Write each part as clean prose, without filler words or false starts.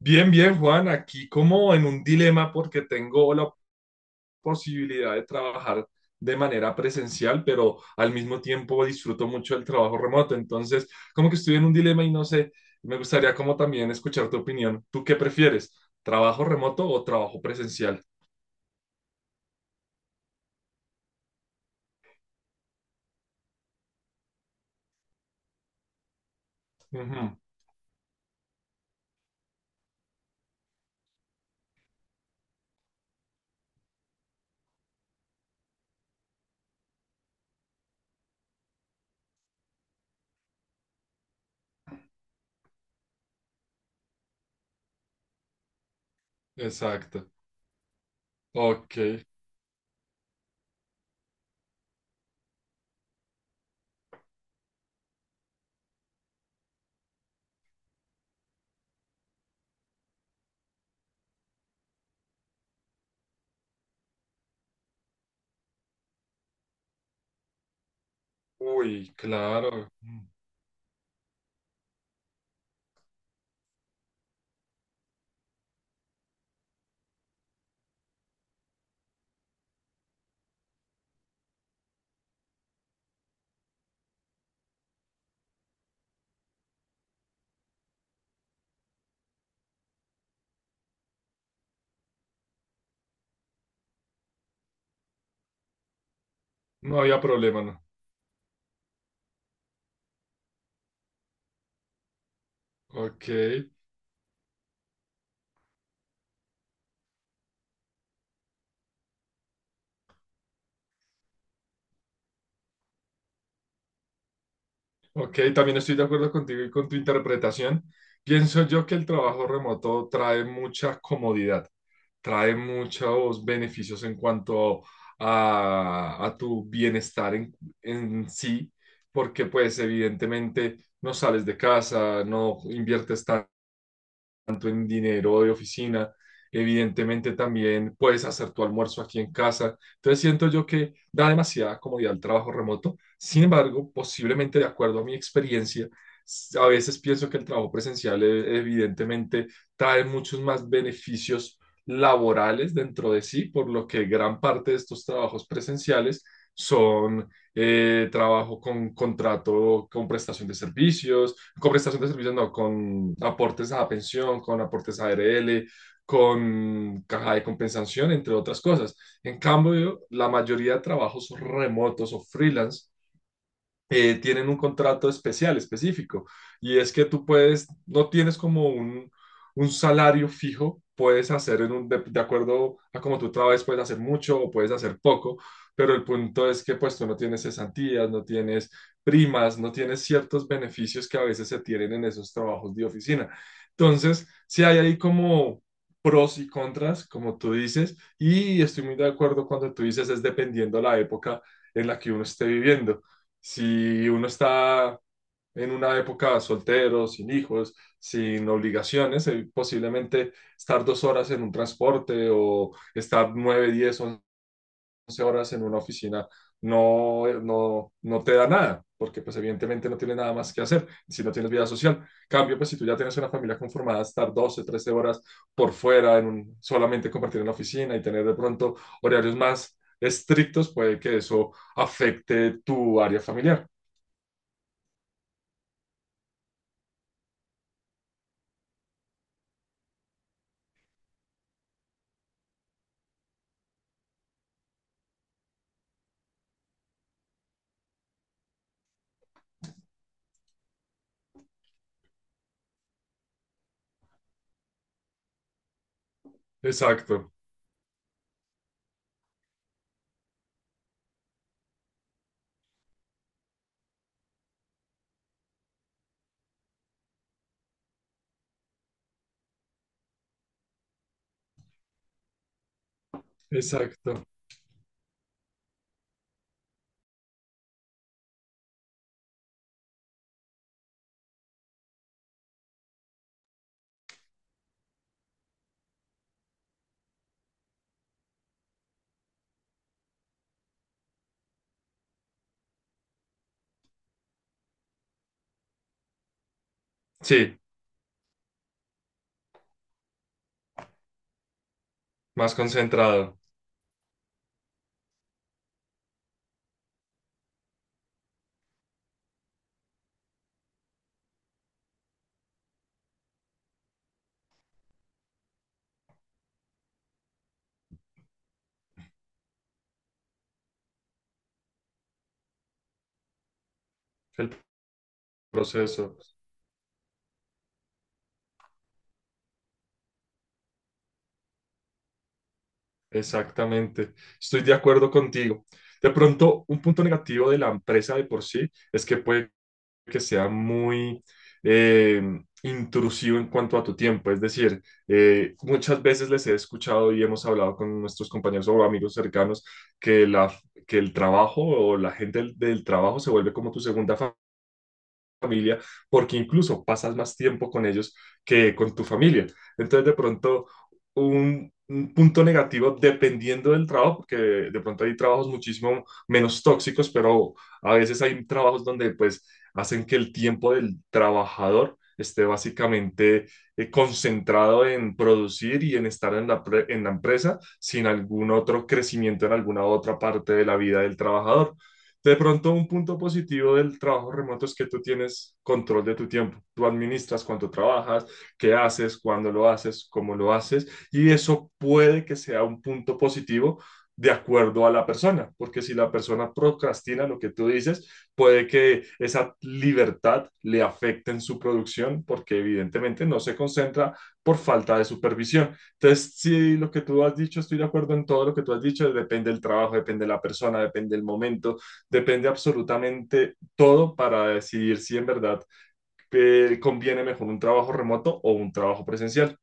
Bien, bien, Juan, aquí como en un dilema porque tengo la posibilidad de trabajar de manera presencial, pero al mismo tiempo disfruto mucho el trabajo remoto. Entonces, como que estoy en un dilema y no sé, me gustaría como también escuchar tu opinión. ¿Tú qué prefieres? ¿Trabajo remoto o trabajo presencial? Ujú, exacto. Ok. Uy, claro. No había problema, ¿no? Ok. Ok, también estoy de acuerdo contigo y con tu interpretación. Pienso yo que el trabajo remoto trae mucha comodidad, trae muchos beneficios en cuanto a tu bienestar en sí, porque pues evidentemente no sales de casa, no inviertes tanto gasto en dinero de oficina, evidentemente también puedes hacer tu almuerzo aquí en casa. Entonces siento yo que da demasiada comodidad el trabajo remoto. Sin embargo, posiblemente de acuerdo a mi experiencia, a veces pienso que el trabajo presencial evidentemente trae muchos más beneficios laborales dentro de sí, por lo que gran parte de estos trabajos presenciales son trabajo con contrato, con prestación de servicios, con prestación de servicios, no, con aportes a pensión, con aportes a ARL, con caja de compensación, entre otras cosas. En cambio, la mayoría de trabajos remotos o freelance tienen un contrato especial, específico, y es que tú puedes, no tienes como un salario fijo, puedes hacer en de acuerdo a cómo tú trabajes, puedes hacer mucho o puedes hacer poco, pero el punto es que pues tú no tienes cesantías, no tienes primas, no tienes ciertos beneficios que a veces se tienen en esos trabajos de oficina. Entonces, si hay ahí como pros y contras, como tú dices, y estoy muy de acuerdo cuando tú dices es dependiendo la época en la que uno esté viviendo. Si uno está en una época soltero, sin hijos, sin obligaciones, posiblemente estar 2 horas en un transporte o estar 9, 10, 11 horas en una oficina no, no, no te da nada, porque pues evidentemente no tienes nada más que hacer si no tienes vida social. Cambio, pues si tú ya tienes una familia conformada, estar 12 13 horas por fuera, solamente compartir en la oficina y tener de pronto horarios más estrictos, puede que eso afecte tu área familiar. Exacto, exacto. Sí, más concentrado el proceso. Exactamente. Estoy de acuerdo contigo. De pronto, un punto negativo de la empresa de por sí es que puede que sea muy eh, intrusivo en cuanto a tu tiempo. Es decir, muchas veces les he escuchado y hemos hablado con nuestros compañeros o amigos cercanos que, la, que el trabajo o la gente del trabajo se vuelve como tu segunda familia familia, porque incluso pasas más tiempo con ellos que con tu familia. Entonces, de pronto, un punto negativo dependiendo del trabajo, porque de pronto hay trabajos muchísimo menos tóxicos, pero a veces hay trabajos donde pues hacen que el tiempo del trabajador esté básicamente concentrado en producir y en estar en la empresa sin algún otro crecimiento en alguna otra parte de la vida del trabajador. De pronto, un punto positivo del trabajo remoto es que tú tienes control de tu tiempo. Tú administras cuánto trabajas, qué haces, cuándo lo haces, cómo lo haces, y eso puede que sea un punto positivo de acuerdo a la persona, porque si la persona procrastina lo que tú dices, puede que esa libertad le afecte en su producción, porque evidentemente no se concentra por falta de supervisión. Entonces, sí, lo que tú has dicho, estoy de acuerdo en todo lo que tú has dicho, depende del trabajo, depende de la persona, depende del momento, depende absolutamente todo para decidir si en verdad conviene mejor un trabajo remoto o un trabajo presencial.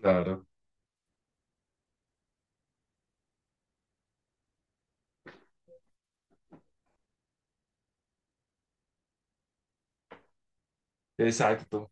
Claro, exacto,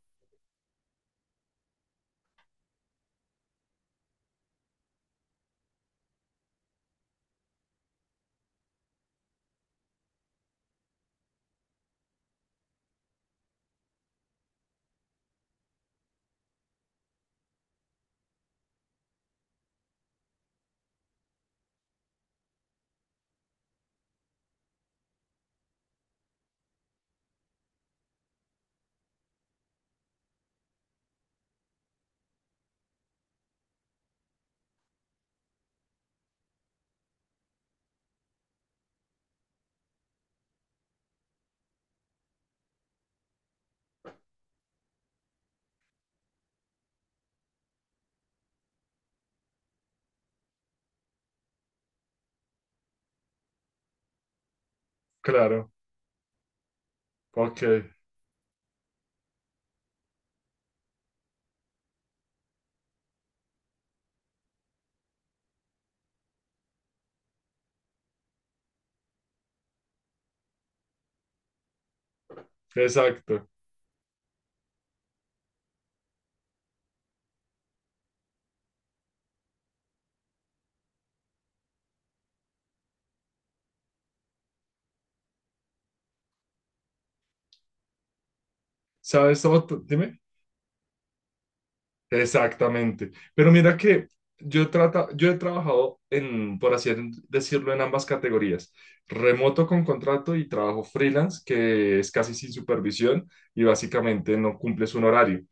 claro, ok, exacto. ¿Sabes otro? Dime. Exactamente. Pero mira que yo he trabajado en, por así decirlo, en ambas categorías. Remoto con contrato y trabajo freelance, que es casi sin supervisión y básicamente no cumples un horario.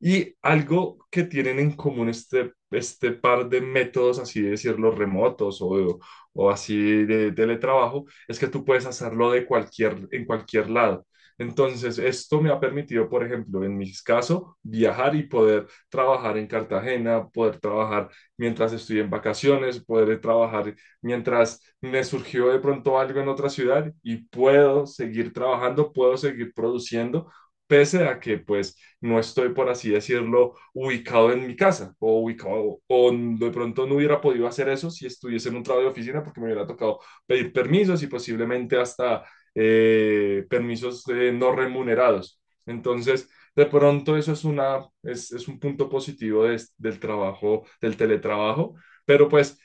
Y algo que tienen en común este par de métodos, así decirlo, remotos o así de teletrabajo, es que tú puedes hacerlo de cualquier, en cualquier lado. Entonces, esto me ha permitido, por ejemplo, en mi caso, viajar y poder trabajar en Cartagena, poder trabajar mientras estoy en vacaciones, poder trabajar mientras me surgió de pronto algo en otra ciudad y puedo seguir trabajando, puedo seguir produciendo, pese a que pues no estoy, por así decirlo, ubicado en mi casa o ubicado o de pronto no hubiera podido hacer eso si estuviese en un trabajo de oficina porque me hubiera tocado pedir permisos y posiblemente hasta permisos no remunerados. Entonces, de pronto eso es una, es un punto positivo del trabajo, del teletrabajo, pero pues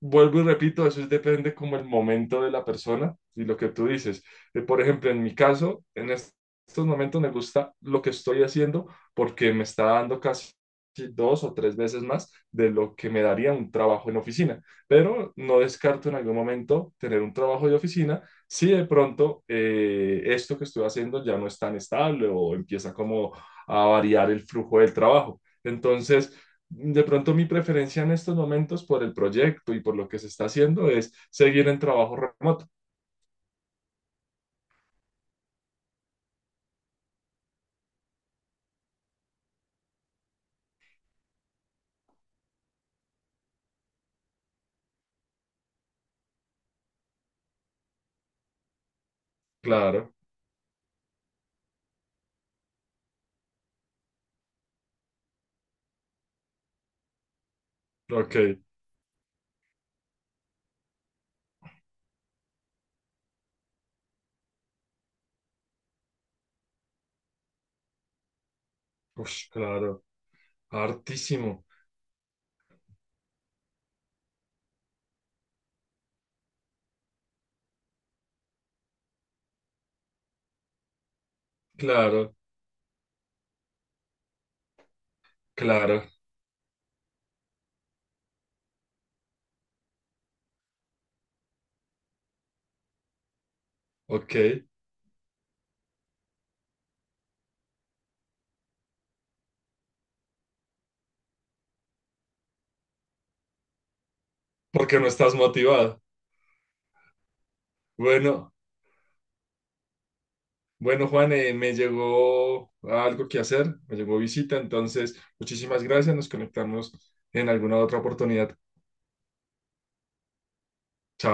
vuelvo y repito, eso es- depende como el momento de la persona y lo que tú dices. Por ejemplo, en mi caso, estos momentos me gusta lo que estoy haciendo porque me está dando casi 2 o 3 veces más de lo que me daría un trabajo en oficina, pero no descarto en algún momento tener un trabajo de oficina si de pronto esto que estoy haciendo ya no es tan estable o empieza como a variar el flujo del trabajo. Entonces, de pronto mi preferencia en estos momentos por el proyecto y por lo que se está haciendo es seguir en trabajo remoto. Claro, ok, Ush, claro, hartísimo, claro, claro, ok, porque no estás motivado. Bueno, bueno, Juan, me llegó algo que hacer, me llegó visita, entonces muchísimas gracias, nos conectamos en alguna otra oportunidad. Chao.